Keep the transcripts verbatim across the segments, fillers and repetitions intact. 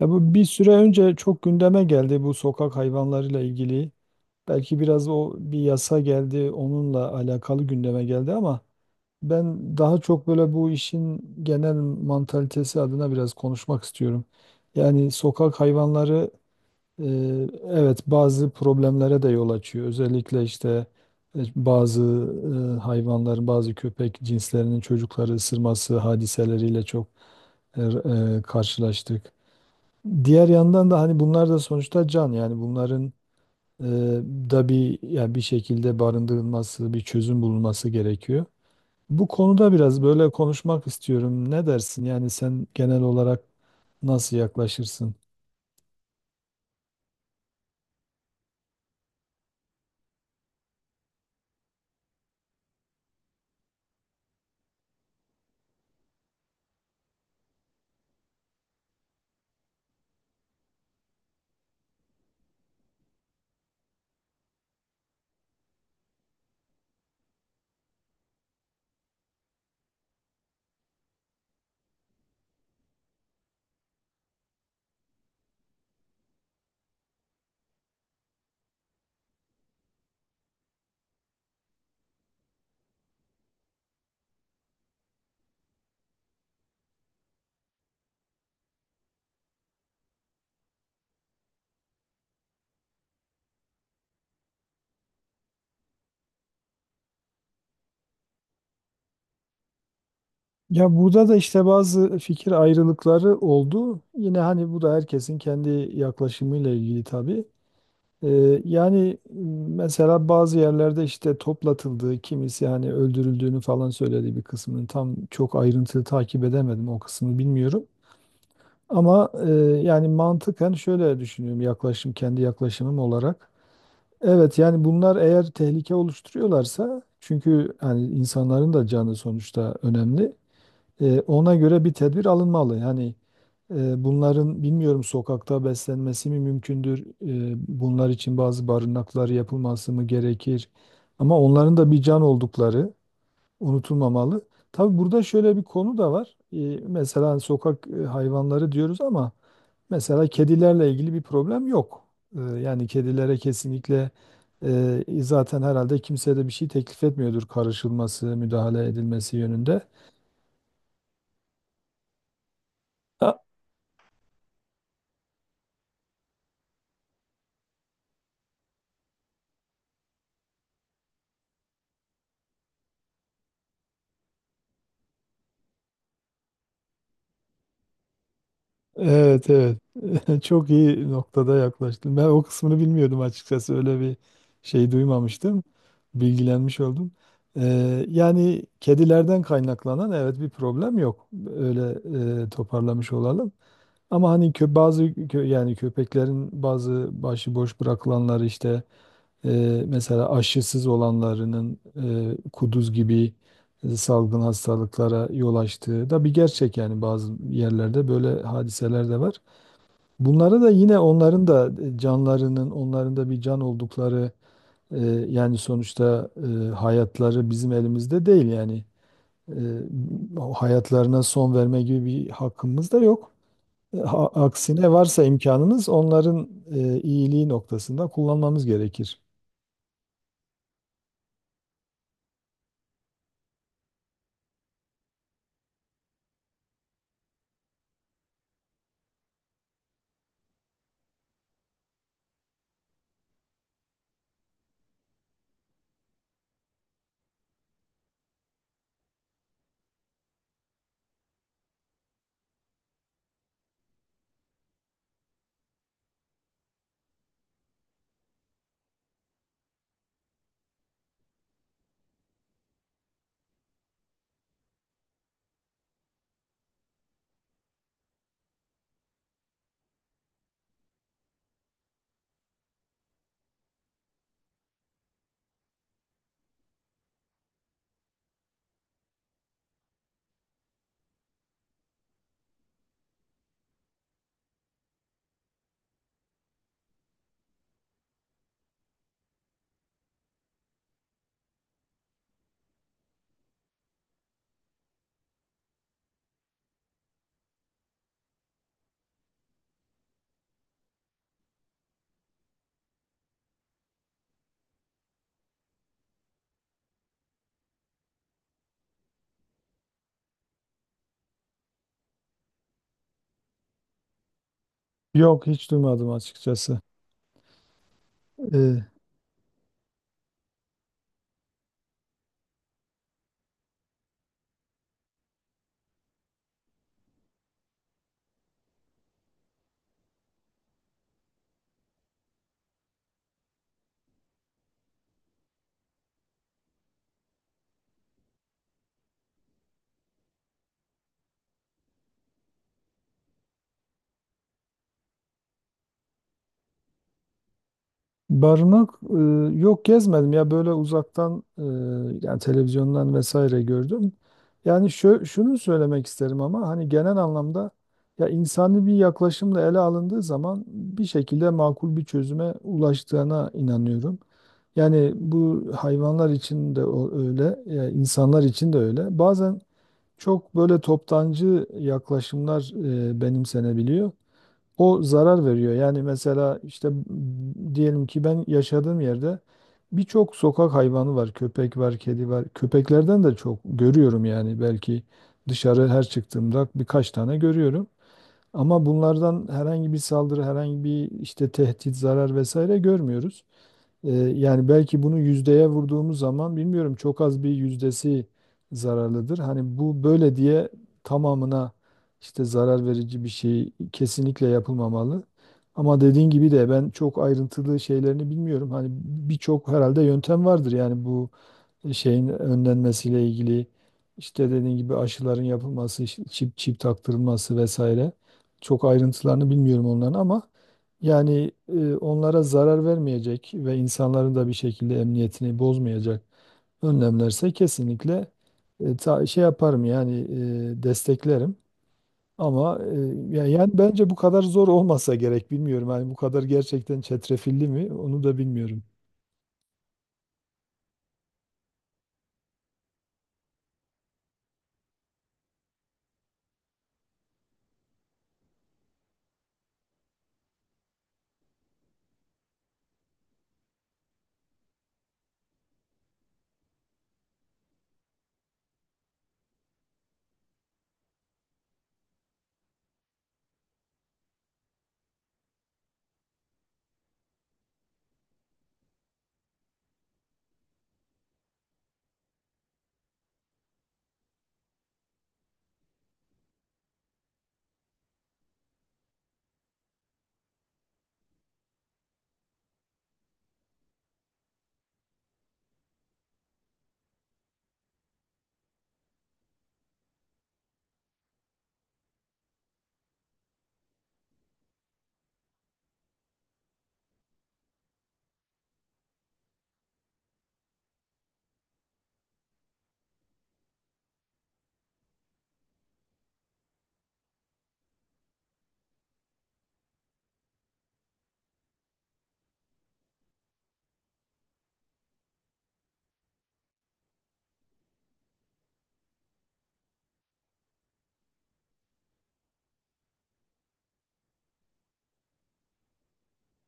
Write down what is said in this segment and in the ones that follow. Ya bu bir süre önce çok gündeme geldi bu sokak hayvanlarıyla ilgili. Belki biraz o bir yasa geldi, onunla alakalı gündeme geldi ama ben daha çok böyle bu işin genel mantalitesi adına biraz konuşmak istiyorum. Yani sokak hayvanları e, evet bazı problemlere de yol açıyor. Özellikle işte e, bazı e, hayvanların, bazı köpek cinslerinin çocukları ısırması hadiseleriyle çok e, e, karşılaştık. Diğer yandan da hani bunlar da sonuçta can, yani bunların e, da bir, yani bir şekilde barındırılması, bir çözüm bulunması gerekiyor. Bu konuda biraz böyle konuşmak istiyorum. Ne dersin? Yani sen genel olarak nasıl yaklaşırsın? Ya burada da işte bazı fikir ayrılıkları oldu. Yine hani bu da herkesin kendi yaklaşımıyla ilgili tabii. Ee, yani mesela bazı yerlerde işte toplatıldığı, kimisi hani öldürüldüğünü falan söyledi bir kısmının. Tam çok ayrıntılı takip edemedim, o kısmını bilmiyorum. Ama e, yani mantıken şöyle düşünüyorum, yaklaşım kendi yaklaşımım olarak. Evet yani bunlar eğer tehlike oluşturuyorlarsa, çünkü hani insanların da canı sonuçta önemli. E, ona göre bir tedbir alınmalı. Yani e, bunların bilmiyorum, sokakta beslenmesi mi mümkündür? E, Bunlar için bazı barınaklar yapılması mı gerekir? Ama onların da bir can oldukları unutulmamalı. Tabii burada şöyle bir konu da var. E, Mesela sokak e, hayvanları diyoruz ama mesela kedilerle ilgili bir problem yok. E, Yani kedilere kesinlikle e, zaten herhalde kimse de bir şey teklif etmiyordur karışılması, müdahale edilmesi yönünde. Evet, evet. Çok iyi noktada yaklaştın. Ben o kısmını bilmiyordum açıkçası. Öyle bir şey duymamıştım. Bilgilenmiş oldum. Ee, yani kedilerden kaynaklanan, evet, bir problem yok. Öyle e, toparlamış olalım. Ama hani kö, bazı kö- yani köpeklerin bazı başıboş bırakılanları, işte e, mesela aşısız olanlarının e, kuduz gibi e, salgın hastalıklara yol açtığı da bir gerçek, yani bazı yerlerde böyle hadiseler de var. Bunları da yine, onların da e, canlarının, onların da bir can oldukları, e, yani sonuçta e, hayatları bizim elimizde değil yani. E, o hayatlarına son verme gibi bir hakkımız da yok. E, ha- aksine varsa imkanımız, onların e, iyiliği noktasında kullanmamız gerekir. Yok, hiç duymadım açıkçası. E, Barınak, e, yok gezmedim ya, böyle uzaktan e, yani televizyondan vesaire gördüm. Yani şu, şunu söylemek isterim, ama hani genel anlamda ya insani bir yaklaşımla ele alındığı zaman bir şekilde makul bir çözüme ulaştığına inanıyorum. Yani bu hayvanlar için de o- öyle, e, insanlar için de öyle. Bazen çok böyle toptancı yaklaşımlar e, benimsenebiliyor, o zarar veriyor. Yani mesela işte m- diyelim ki ben yaşadığım yerde birçok sokak hayvanı var. Köpek var, kedi var. Köpeklerden de çok görüyorum yani, belki dışarı her çıktığımda birkaç tane görüyorum. Ama bunlardan herhangi bir saldırı, herhangi bir işte tehdit, zarar vesaire görmüyoruz. Ee, yani belki bunu yüzdeye vurduğumuz zaman, bilmiyorum, çok az bir yüzdesi zararlıdır. Hani bu böyle diye tamamına işte zarar verici bir şey kesinlikle yapılmamalı. Ama dediğin gibi de ben çok ayrıntılı şeylerini bilmiyorum. Hani birçok herhalde yöntem vardır, yani bu şeyin önlenmesiyle ilgili, işte dediğin gibi aşıların yapılması, işte çip çip taktırılması vesaire. Çok ayrıntılarını bilmiyorum onların, ama yani e, onlara zarar vermeyecek ve insanların da bir şekilde emniyetini bozmayacak önlemlerse kesinlikle e, ta- şey yaparım yani, e, desteklerim. Ama e, ya- yani bence bu kadar zor olmasa gerek, bilmiyorum. Yani bu kadar gerçekten çetrefilli mi, onu da bilmiyorum.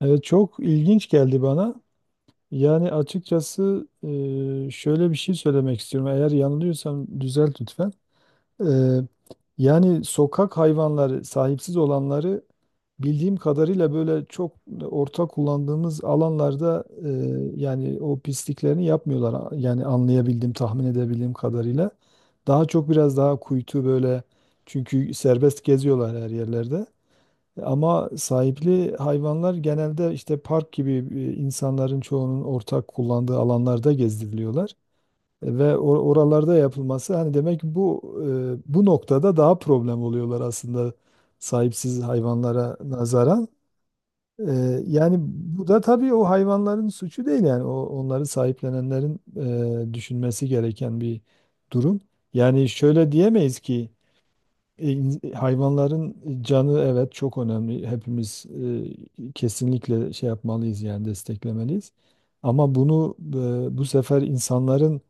Evet, çok ilginç geldi bana. Yani açıkçası e, şöyle bir şey söylemek istiyorum. Eğer yanılıyorsam düzelt lütfen. E, yani sokak hayvanları, sahipsiz olanları bildiğim kadarıyla böyle çok ortak kullandığımız alanlarda e, yani o pisliklerini yapmıyorlar. Yani anlayabildiğim, tahmin edebildiğim kadarıyla. Daha çok biraz daha kuytu böyle, çünkü serbest geziyorlar her yerlerde. Ama sahipli hayvanlar genelde işte park gibi e, insanların çoğunun ortak kullandığı alanlarda gezdiriliyorlar. E, ve or- oralarda yapılması, hani demek ki bu e, bu noktada daha problem oluyorlar aslında sahipsiz hayvanlara nazaran. E, Yani bu da tabii o hayvanların suçu değil, yani o onları sahiplenenlerin e, düşünmesi gereken bir durum. Yani şöyle diyemeyiz ki e, in- hayvanların canı, evet, çok önemli. Hepimiz e, kesinlikle şey yapmalıyız yani, desteklemeliyiz. Ama bunu e, bu sefer insanların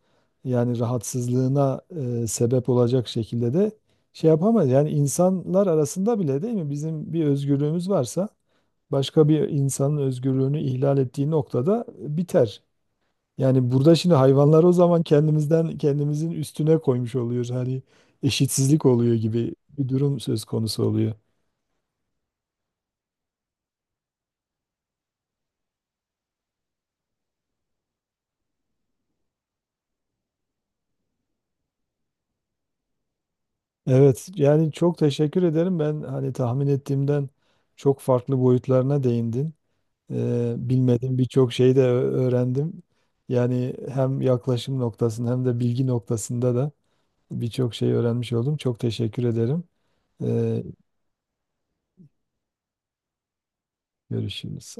yani rahatsızlığına e, sebep olacak şekilde de şey yapamayız. Yani insanlar arasında bile, değil mi, bizim bir özgürlüğümüz varsa başka bir insanın özgürlüğünü ihlal ettiği noktada biter. Yani burada şimdi hayvanlar o zaman, kendimizden kendimizin üstüne koymuş oluyoruz. Hani eşitsizlik oluyor gibi bir durum söz konusu oluyor. Evet, yani çok teşekkür ederim. Ben hani tahmin ettiğimden çok farklı boyutlarına değindin. Ee, bilmediğim birçok şeyi de ö- öğrendim. Yani hem yaklaşım noktasında, hem de bilgi noktasında da birçok şey öğrenmiş oldum. Çok teşekkür ederim. Ee, görüşürüz.